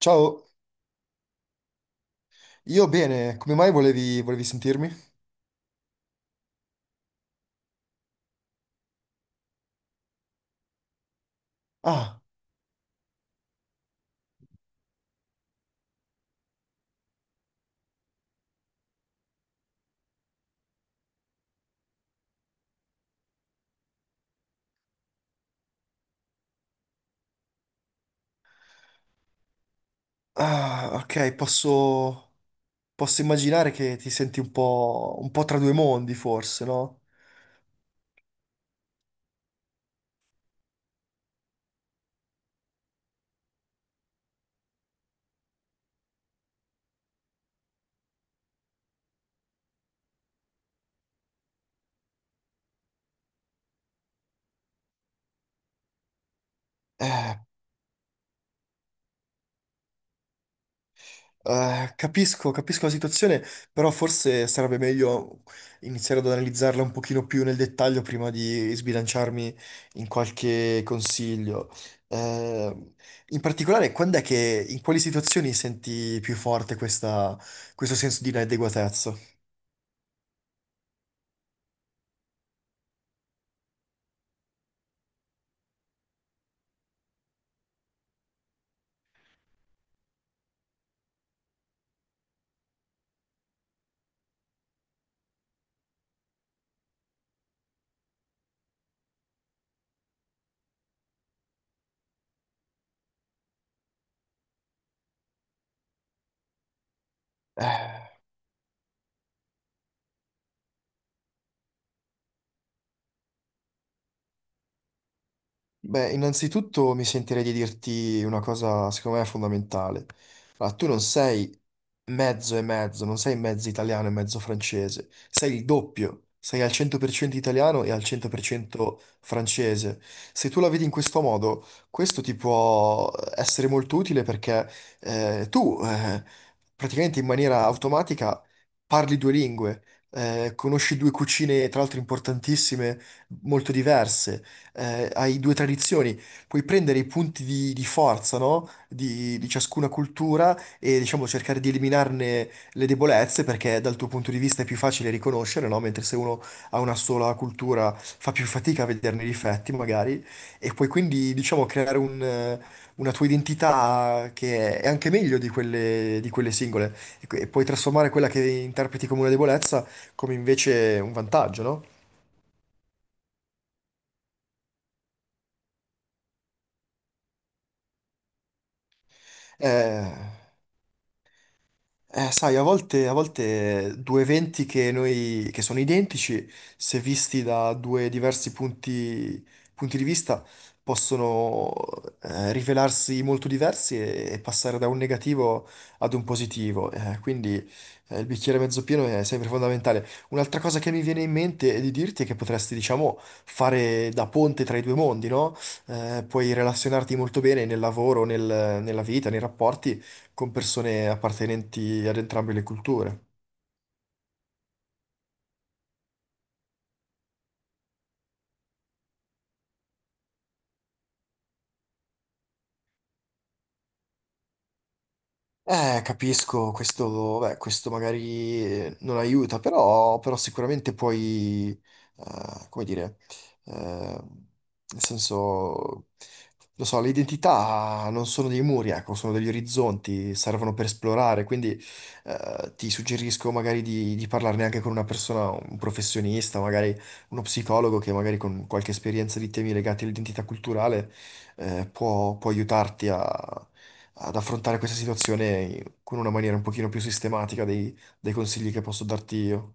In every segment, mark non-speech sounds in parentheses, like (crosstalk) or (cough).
Ciao, io bene, come mai volevi sentirmi? Ah, ok, posso immaginare che ti senti un po' tra due mondi, forse, no? Eh, capisco, capisco la situazione, però forse sarebbe meglio iniziare ad analizzarla un pochino più nel dettaglio prima di sbilanciarmi in qualche consiglio. Eh, In particolare, quando è che, in quali situazioni senti più forte questo senso di inadeguatezza? Beh, innanzitutto mi sentirei di dirti una cosa, secondo me, fondamentale. Allora, tu non sei mezzo e mezzo, non sei mezzo italiano e mezzo francese, sei il doppio, sei al 100% italiano e al 100% francese. Se tu la vedi in questo modo, questo ti può essere molto utile perché tu praticamente in maniera automatica parli due lingue, conosci due cucine, tra l'altro importantissime, molto diverse. Eh, hai due tradizioni, puoi prendere i punti di forza, no? Di ciascuna cultura, e diciamo cercare di eliminarne le debolezze, perché dal tuo punto di vista è più facile riconoscere, no? Mentre se uno ha una sola cultura fa più fatica a vederne i difetti magari, e puoi quindi diciamo creare una tua identità che è anche meglio di di quelle singole, e e puoi trasformare quella che interpreti come una debolezza come invece un vantaggio, no? Eh, sai, a volte due eventi che sono identici, se visti da due diversi punti di vista, possono rivelarsi molto diversi e passare da un negativo ad un positivo. Quindi il bicchiere mezzo pieno è sempre fondamentale. Un'altra cosa che mi viene in mente è di dirti è che potresti, diciamo, fare da ponte tra i due mondi, no? Puoi relazionarti molto bene nel lavoro, nella vita, nei rapporti con persone appartenenti ad entrambe le culture. Capisco, questo, beh, questo magari non aiuta, però, però sicuramente puoi, come dire, nel senso, lo so, le identità non sono dei muri, ecco, sono degli orizzonti, servono per esplorare, quindi ti suggerisco magari di parlarne anche con una persona, un professionista, magari uno psicologo che magari con qualche esperienza di temi legati all'identità culturale può, può aiutarti ad affrontare questa situazione con una maniera un pochino più sistematica dei consigli che posso darti io.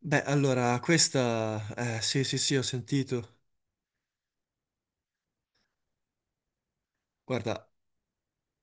Beh, allora, questa... sì, sì, sì, ho sentito. Guarda,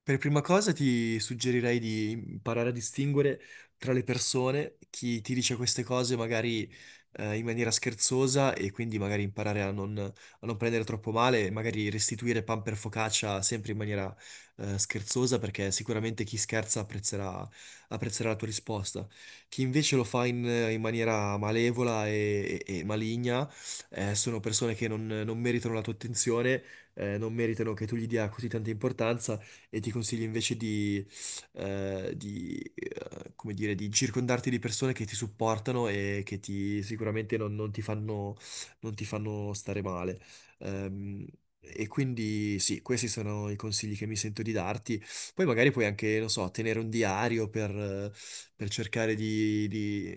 per prima cosa ti suggerirei di imparare a distinguere tra le persone chi ti dice queste cose magari in maniera scherzosa, e quindi magari imparare a non prendere troppo male e magari restituire pan per focaccia sempre in maniera scherzosa, perché sicuramente chi scherza apprezzerà, apprezzerà la tua risposta. Chi invece lo fa in maniera malevola e maligna, sono persone che non meritano la tua attenzione, non meritano che tu gli dia così tanta importanza, e ti consiglio invece di, come dire, di circondarti di persone che ti supportano e che sicuramente non ti fanno, non ti fanno stare male. Ehm, E quindi sì, questi sono i consigli che mi sento di darti. Poi magari puoi anche, non so, tenere un diario per, per cercare di, di,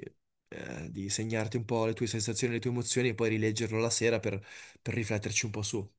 eh, di segnarti un po' le tue sensazioni, le tue emozioni, e poi rileggerlo la sera per rifletterci un po' su.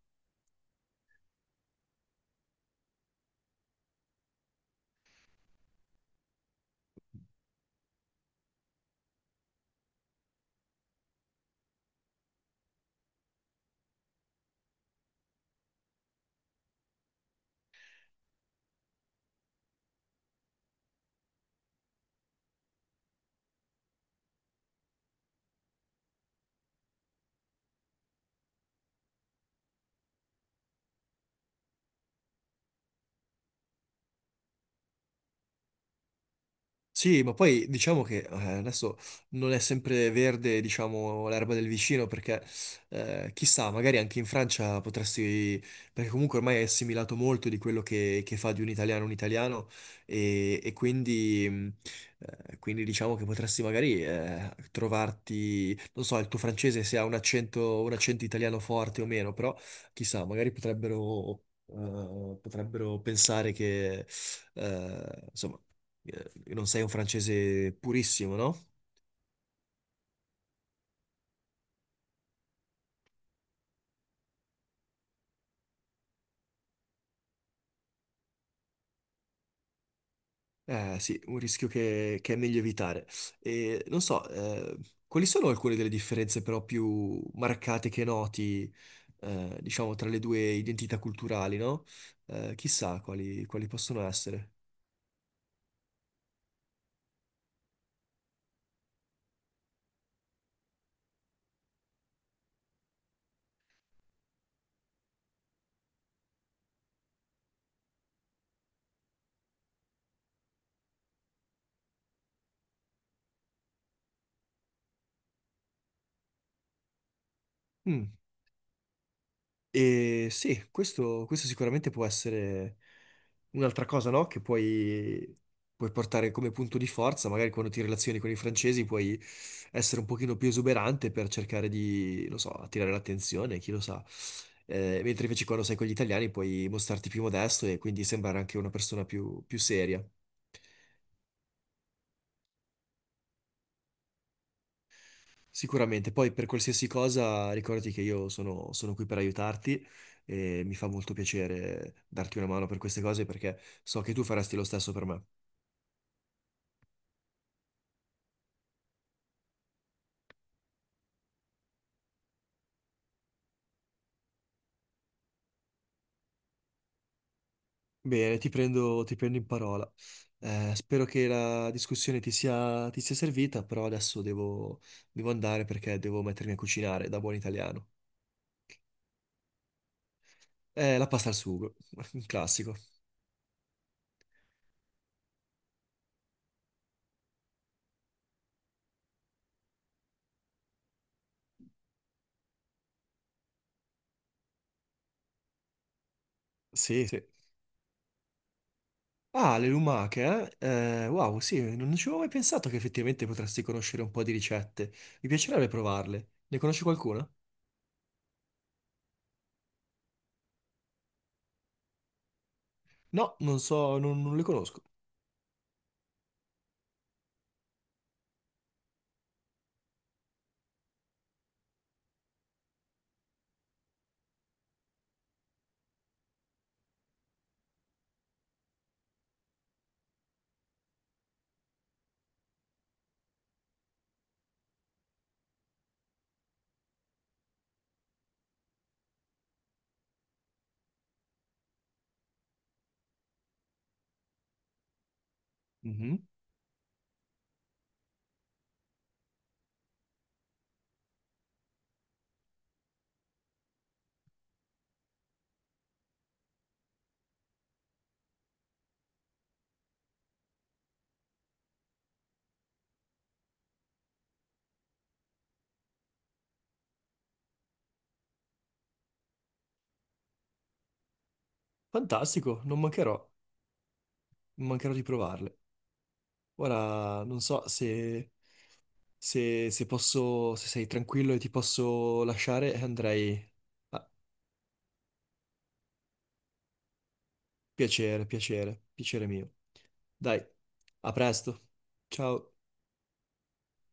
Sì, ma poi diciamo che adesso non è sempre verde, diciamo, l'erba del vicino, perché chissà, magari anche in Francia potresti, perché comunque ormai è assimilato molto di quello che fa di un italiano, e quindi, quindi diciamo che potresti magari trovarti, non so, il tuo francese se ha un accento italiano forte o meno, però chissà, magari potrebbero pensare che, insomma non sei un francese purissimo, no? Eh sì, un rischio che è meglio evitare. E non so, quali sono alcune delle differenze però più marcate che noti, diciamo, tra le due identità culturali, no? Chissà quali possono essere. Mm. E sì, questo sicuramente può essere un'altra cosa, no? Che puoi portare come punto di forza, magari quando ti relazioni con i francesi puoi essere un pochino più esuberante per cercare di, non so, attirare l'attenzione, chi lo sa. Mentre invece quando sei con gli italiani puoi mostrarti più modesto e quindi sembrare anche una persona più, più seria. Sicuramente, poi per qualsiasi cosa ricordati che sono qui per aiutarti, e mi fa molto piacere darti una mano per queste cose perché so che tu faresti lo stesso per me. Bene, ti prendo in parola. Spero che la discussione ti sia servita, però devo andare perché devo mettermi a cucinare da buon italiano. La pasta al sugo, (laughs) un classico. Sì, sì. Ah, le lumache, eh? Wow, sì, non ci avevo mai pensato che effettivamente potresti conoscere un po' di ricette. Mi piacerebbe provarle. Ne conosci qualcuna? No, non so, non le conosco. Mhm. Fantastico, non mancherò, non mancherò di provarle. Ora, non so se, se posso, se sei tranquillo e ti posso lasciare, andrei. Ah, piacere mio. Dai, a presto. Ciao.